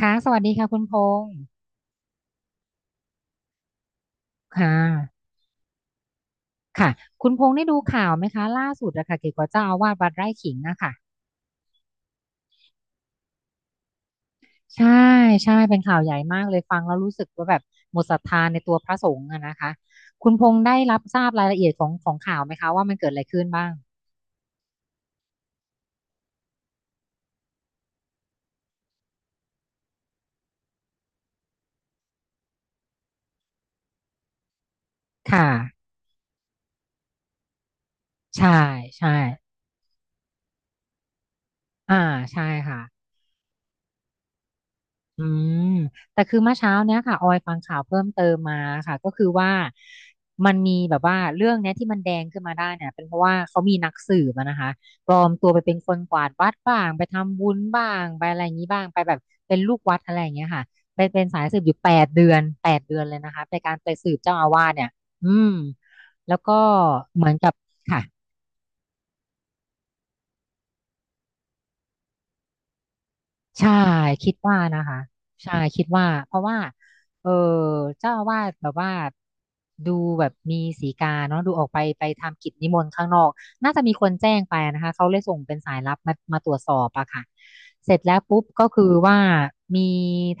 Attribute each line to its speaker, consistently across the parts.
Speaker 1: ค่ะสวัสดีค่ะคุณพงษ์ค่ะค่ะคุณพงษ์ได้ดูข่าวไหมคะล่าสุดอะค่ะเกี่ยวกับเจ้าอาวาสวัดไร่ขิงอะค่ะใช่เป็นข่าวใหญ่มากเลยฟังแล้วรู้สึกว่าแบบหมดศรัทธาในตัวพระสงฆ์อะนะคะคุณพงษ์ได้รับทราบรายละเอียดของข่าวไหมคะว่ามันเกิดอะไรขึ้นบ้างค่ะใช่ใช่อ่าใช่ค่ะ อืมแต่คือเมื่อเช้าเนี้ยค่ะออยฟังข่าวเพิ่มเติมมาค่ะก็คือว่ามันมีแบบว่าเรื่องเนี้ยที่มันแดงขึ้นมาได้เนี่ยเป็นเพราะว่าเขามีนักสืบอะนะคะปลอมตัวไปเป็นคนกวาดวัดบ้างไปทำบุญบ้างไปอะไรอย่างนี้บ้างไปแบบเป็นลูกวัดอะไรอย่างเงี้ยค่ะไปเป็นสายสืบอยู่แปดเดือนแปดเดือนเลยนะคะในการไปสืบเจ้าอาวาสเนี่ยอืมแล้วก็เหมือนกับค่ะ ใช่คิดว่านะคะใช่คิดว่าเพราะว่าเออเจ้าอาวาสแบบว่าดูแบบมีสีกาเนาะดูออกไปไปทำกิจนิมนต์ข้างนอกน่าจะมีคนแจ้งไปนะคะเขาเลยส่งเป็นสายลับมาตรวจสอบอะค่ะเสร็จแล้วปุ๊บก็คือว่ามี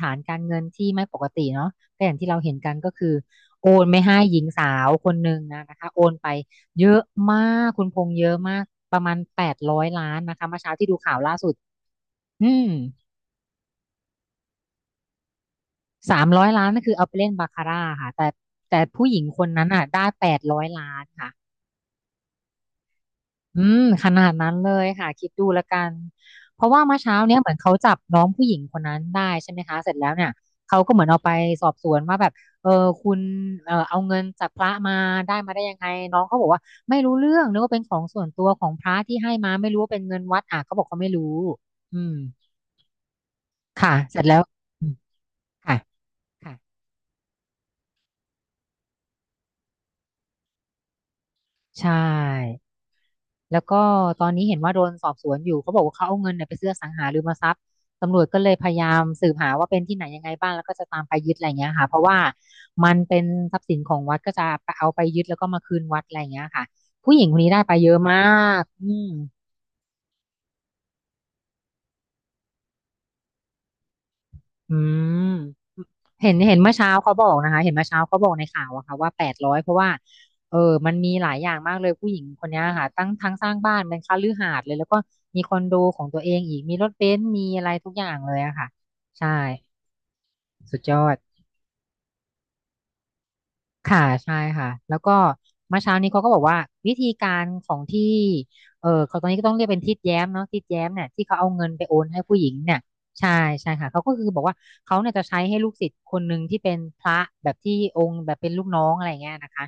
Speaker 1: ฐานการเงินที่ไม่ปกติเนาะก็อย่างที่เราเห็นกันก็คือโอนไม่ให้หญิงสาวคนหนึ่งนะคะโอนไปเยอะมากคุณพงษ์เยอะมากประมาณแปดร้อยล้านนะคะเมื่อเช้าที่ดูข่าวล่าสุดอืม 300 ล้านนั่นคือเอาไปเล่นบาคาร่าค่ะแต่ผู้หญิงคนนั้นอ่ะได้แปดร้อยล้านค่ะอืมขนาดนั้นเลยค่ะคิดดูแล้วกันเพราะว่าเมื่อเช้าเนี้ยเหมือนเขาจับน้องผู้หญิงคนนั้นได้ใช่ไหมคะเสร็จแล้วเนี่ยเขาก็เหมือนเอาไปสอบสวนว่าแบบเออคุณเออเอาเงินจากพระมาได้มาได้ยังไงน้องเขาบอกว่าไม่รู้เรื่องนึกว่าเป็นของส่วนตัวของพระที่ให้มาไม่รู้ว่าเป็นเงินวัดอ่ะเขาบอกเขาไม่รู้อืมค่ะเสร็จแล้วอืมค่ะค่ะใช่ แล้วก็ตอนนี้เห็นว่าโดนสอบสวนอยู่เขาบอกว่าเขาเอาเงินเนี่ยไปซื้ออสังหาริมทรัพย์ตำรวจก็เลยพยายามสืบหาว่าเป็นที่ไหนยังไงบ้างแล้วก็จะตามไปยึดอะไรอย่างเงี้ยค่ะเพราะว่ามันเป็นทรัพย์สินของวัดก็จะเอาไปยึดแล้วก็มาคืนวัดอะไรอย่างเงี้ยค่ะผู้หญิงคนนี้ได้ไปเยอะมากอืม เห็นเมื่อเช้าเขาบอกนะคะเห็นเมื่อเช้าเขาบอกในข่าวอะค่ะว่าแปดร้อยเพราะว่าเออมันมีหลายอย่างมากเลยผู้หญิงคนเนี้ยค่ะตั้งทั้งสร้างบ้านเป็นคฤหาสน์เลยแล้วก็มีคอนโดของตัวเองอีกมีรถเบนซ์มีอะไรทุกอย่างเลยอะค่ะใช่สุดยอด ค่ะใช่ค่ะแล้วก็เมื่อเช้านี้เขาก็บอกว่าวิธีการของที่เขาตอนนี้ก็ต้องเรียกเป็นทิดแย้มเนาะทิดแย้มเนี่ยที่เขาเอาเงินไปโอนให้ผู้หญิงเนี่ยใช่ใช่ค่ะเขาก็คือบอกว่าเขาเนี่ยจะใช้ให้ลูกศิษย์คนหนึ่งที่เป็นพระแบบที่องค์แบบเป็นลูกน้องอะไรเงี้ยนะคะ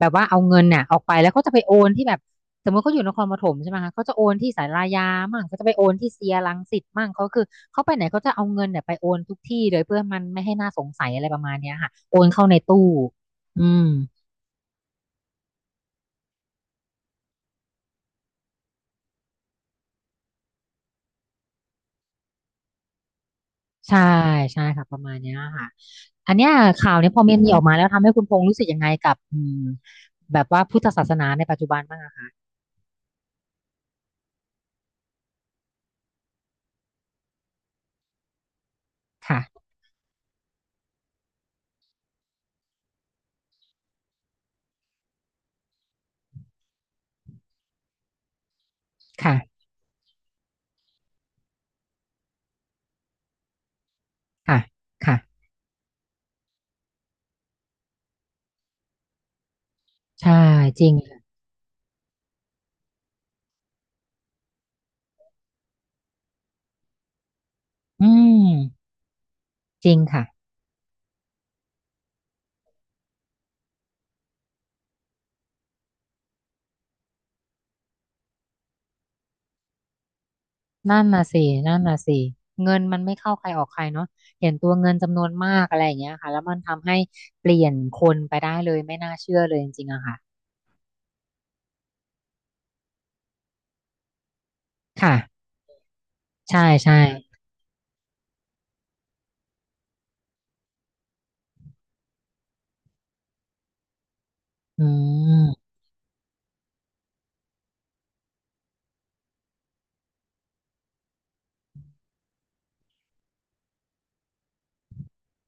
Speaker 1: แบบว่าเอาเงินเนี่ยออกไปแล้วเขาจะไปโอนที่แบบสมมติเขาอยู่นครปฐมใช่ไหมคะเขาจะโอนที่ศาลายามั่งเขาจะไปโอนที่เซียรังสิตมั่งเขาคือเขาไปไหนเขาจะเอาเงินเนี่ยไปโอนทุกที่เลยเพื่อมันไม่ให้น่าสงสัยอะไรประมาณเนี้ยค่ะโอนเข้าในตู้ อืมใช่ใช่ค่ะประมาณเนี้ยค่ะอันเนี้ยข่าวเนี้ยพอมันมีออกมาแล้วทำให้คุณพงษ์รู้สึกยังไงกับอืมแบบว่าพุทธศาสนาในปัจจุบันบ้างอะค่ะค่ะค่ะค่ะค่ะใช่จริงค่ะอืมจริงค่ะนั่นน่ะสินั่นน่ะสิเงินมันไม่เข้าใครออกใครเนาะเห็นตัวเงินจำนวนมากอะไรอย่างเงี้ยค่ะแล้วมันทำให้เปลี่ยนคนไปได้เลยไม่น่าเชื่อเลยจริงๆอะค่ะค่ะใช่ใช่อืม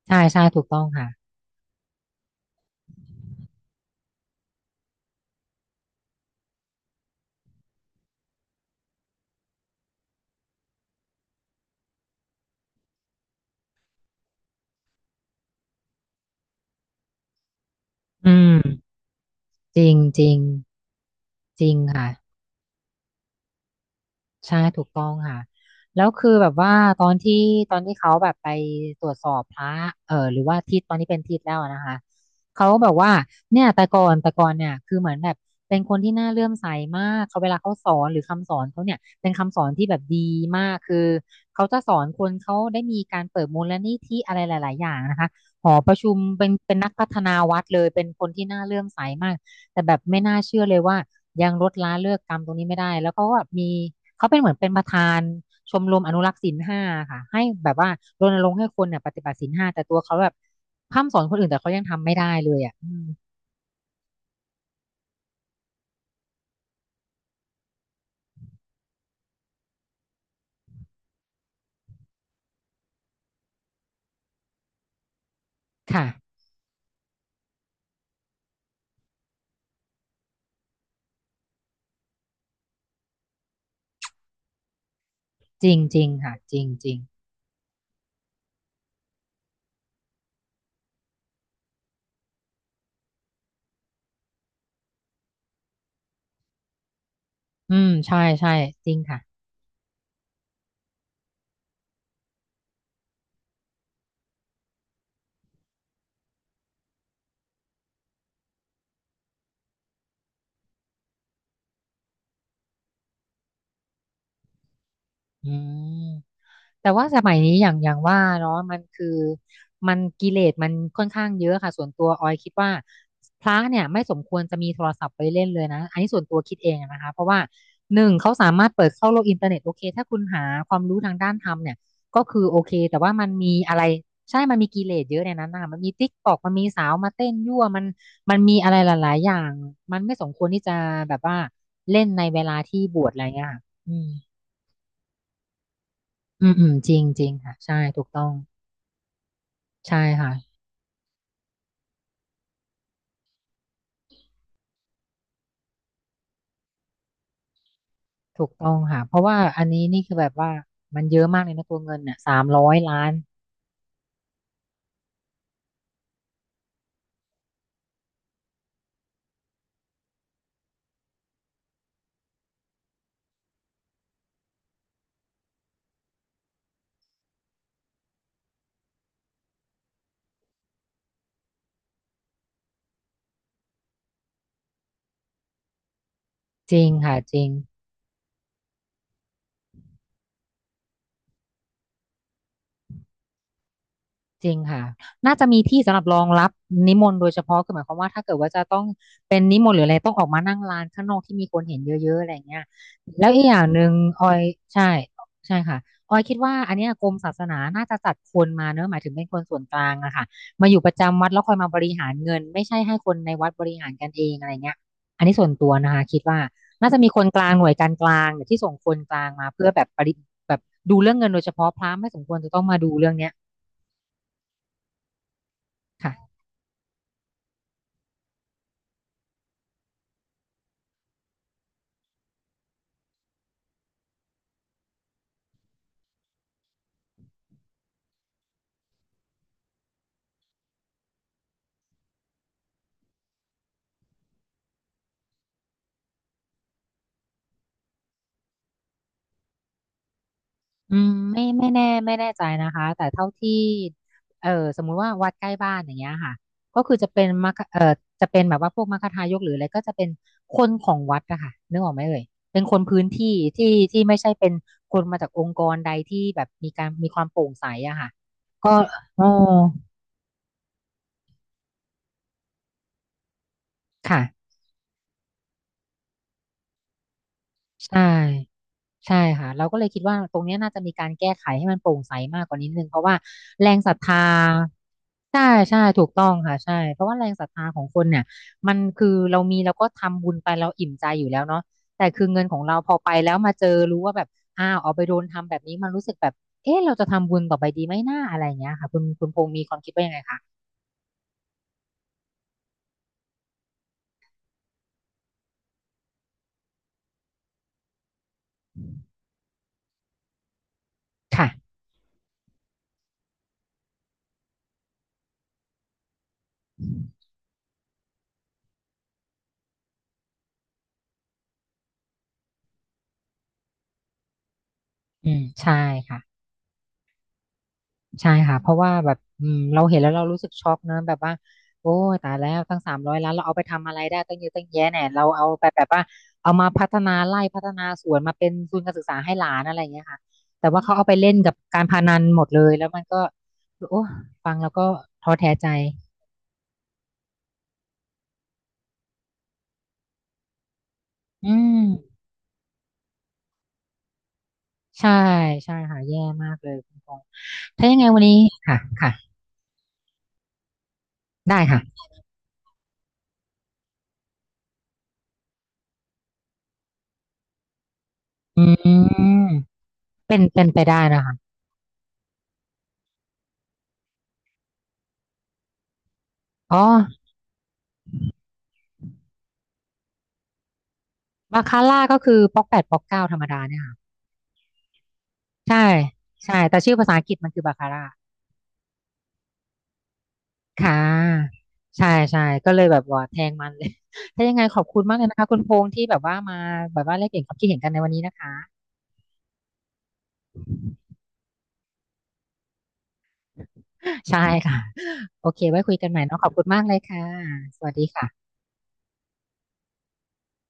Speaker 1: ใช่ใช่ถูกต้องค่ะอืมจริงจริง จริงค่ะใช่ถูกต้องค่ะแล้วคือแบบว่าตอนที่ตอนที่เขาแบบไปตรวจสอบพระหรือว่าทิศตอนนี้เป็นทิศแล้วอะนะคะเขาก็บอกว่าเนี่ยแต่ก่อนเนี่ยคือเหมือนแบบเป็นคนที่น่าเลื่อมใสมากเขาเวลาเขาสอนหรือคำสอนเขาเนี่ยเป็นคำสอนที่แบบดีมากคือเขาจะสอนคนเขาได้มีการเปิดมูลนิธิอะไรหลายๆอย่างนะคะหอประชุมเป็นนักพัฒนาวัดเลยเป็นคนที่น่าเลื่อมใสมาก แต่แบบไม่น่าเชื่อเลยว่ายังลดละเลิกกรรมตรงนี้ไม่ได้แล้วเขาก็มีเขาเป็นเหมือนเป็นประธานชมรมอนุรักษ์ศีลห้าค่ะให้แบบว่ารณรงค์ให้คนเนี่ยปฏิบัติศีลห้าแต่ตัวเขาแบบพร่ำสอนคนอื่นแต่เขายังทำไม่ได้เลยอ่ะอืมค่ะจริงจริงค่ะจริงจริงอืมใช่ใช่จริงค่ะอืม แต่ว่าสมัยนี้อย่างว่าเนาะมันคือมันกิเลสมันค่อนข้างเยอะค่ะส่วนตัวออยคิดว่าพระเนี่ยไม่สมควรจะมีโทรศัพท์ไปเล่นเลยนะอันนี้ส่วนตัวคิดเองอะนะคะเพราะว่าหนึ่งเขาสามารถเปิดเข้าโลกอินเทอร์เน็ตโอเคถ้าคุณหาความรู้ทางด้านธรรมเนี่ยก็คือโอเคแต่ว่ามันมีอะไรใช่มันมีกิเลสเยอะในนั้นนะคะมันมีติ๊กตอกมันมีสาวมาเต้นยั่วมันมันมีอะไรหลายๆอย่างมันไม่สมควรที่จะแบบว่าเล่นในเวลาที่บวชอะไรเงี้ยค่ะอืมอืมจริงจริงค่ะใช่ถูกต้อง ใช่ค่ะถูกต้องค่ะเพราะว่าอันนี้นี่คือแบบว่ามันเยอะมากเลยนะตัวเงินเนี่ยสามร้อยล้านจริงค่ะจริง จริงค่ะน่าจะมีที่สำหรับรองรับนิมนต์โดยเฉพาะคือหมายความว่าถ้าเกิดว่าจะต้องเป็นนิมนต์หรืออะไรต้องออกมานั่งลานข้างนอกที่มีคนเห็นเยอะๆอะไรอย่างเงี้ยแล้วอีกอย่างหนึ่งออยใช่ใช่ค่ะออยคิดว่าอันเนี้ยกรมศาสนาน่าจะจัดคนมาเนอะหมายถึงเป็นคนส่วนกลางอะค่ะมาอยู่ประจำวัดแล้วคอยมาบริหารเงินไม่ใช่ให้คนในวัดบริหารกันเองอะไรเงี้ยอันนี้ส่วนตัวนะคะคิดว่าน่าจะมีคนกลางหน่วยการกลางเนี่ยที่ส่งคนกลางมาเพื่อแบบแบบดูเรื่องเงินโดยเฉพาะพระไม่สมควรจะต้องมาดูเรื่องเนี้ยค่ะ อืมไม่แน่ใจนะคะแต่เท่าที่เออสมมุติว่าวัดใกล้บ้านอย่างเงี้ยค่ะก็คือจะเป็นมัคเออจะเป็นแบบว่าพวกมัคทายกหรืออะไรก็จะเป็นคนของวัดอะค่ะนึกออกไหมเอ่ยเป็นคนพื้นที่ที่ที่ไม่ใช่เป็นคนมาจากองค์กรใดที่แบบมีการมีความโปร่งใสอะค่ะก็อ๋อค่ะใช่ ใช่ค่ะเราก็เลยคิดว่าตรงเนี้ยน่าจะมีการแก้ไขให้มันโปร่งใสมากกว่านี้นิดนึงเพราะว่าแรงศรัทธาใช่ใช่ถูกต้องค่ะใช่เพราะว่าแรงศรัทธาของคนเนี่ยมันคือเรามีเราก็ทำบุญไปเราอิ่มใจอยู่แล้วเนาะแต่คือเงินของเราพอไปแล้วมาเจอรู้ว่าแบบอ้าวเอาไปโดนทำแบบนี้มันรู้สึกแบบเอ๊ะเราจะทำบุญต่อไปดีไหมหน้าอะไรอย่างเงี้ยค่ะคุณพงษ์มีความคิดว่ายังไงคะค่ะอืมใช่ค่ะ ใช่ค่ะเพราะว่าแบบอืมเราเห็นแล้วเรารู้สึกช็อกนะแบบว่าโอ้ยตายแล้วตั้งสามร้อยล้านเราเอาไปทำอะไรได้ตั้งเยอะตั้งแยะเนี่ยเราเอาไปแบบว่าเอามาพัฒนาไร่พัฒนาสวนมาเป็นทุนการศึกษาให้หลานอะไรอย่างเงี้ยค่ะแต่ว่าเขาเอาไปเล่นกับการพนันหมดเลยแล้วมันก็โอ้ฟังแล้วก็ท้อแท้ใจอืมใช่ใช่ค่ะแย่มากเลยคุณพงษ์ถ้ายังไงวันนี้ค่ะค่ะได้ค่ะอืมเป็นเป็นไปได้นะคะอ๋อบาคาร่าก็คือป๊อก 8 ป๊อก 9ธรรมดาเนี่ยค่ะ ใช่ใช่แต่ชื่อภาษาอังกฤษมันคือบาคาร่าค่ะใช่ใช่ก็เลยแบบว่าแทงมันเลย ถ้ายังไงขอบคุณมากเลยนะคะคุณพงษ์ที่แบบว่ามาแบบว่าแลกเปลี่ยนความคิดเห็นกันในวันนี้นะคะใช่ค่ะโอเคไว้คุยกันใหม่เนาะขอบคุณมากเลยค่ะสวัสดีค่ะ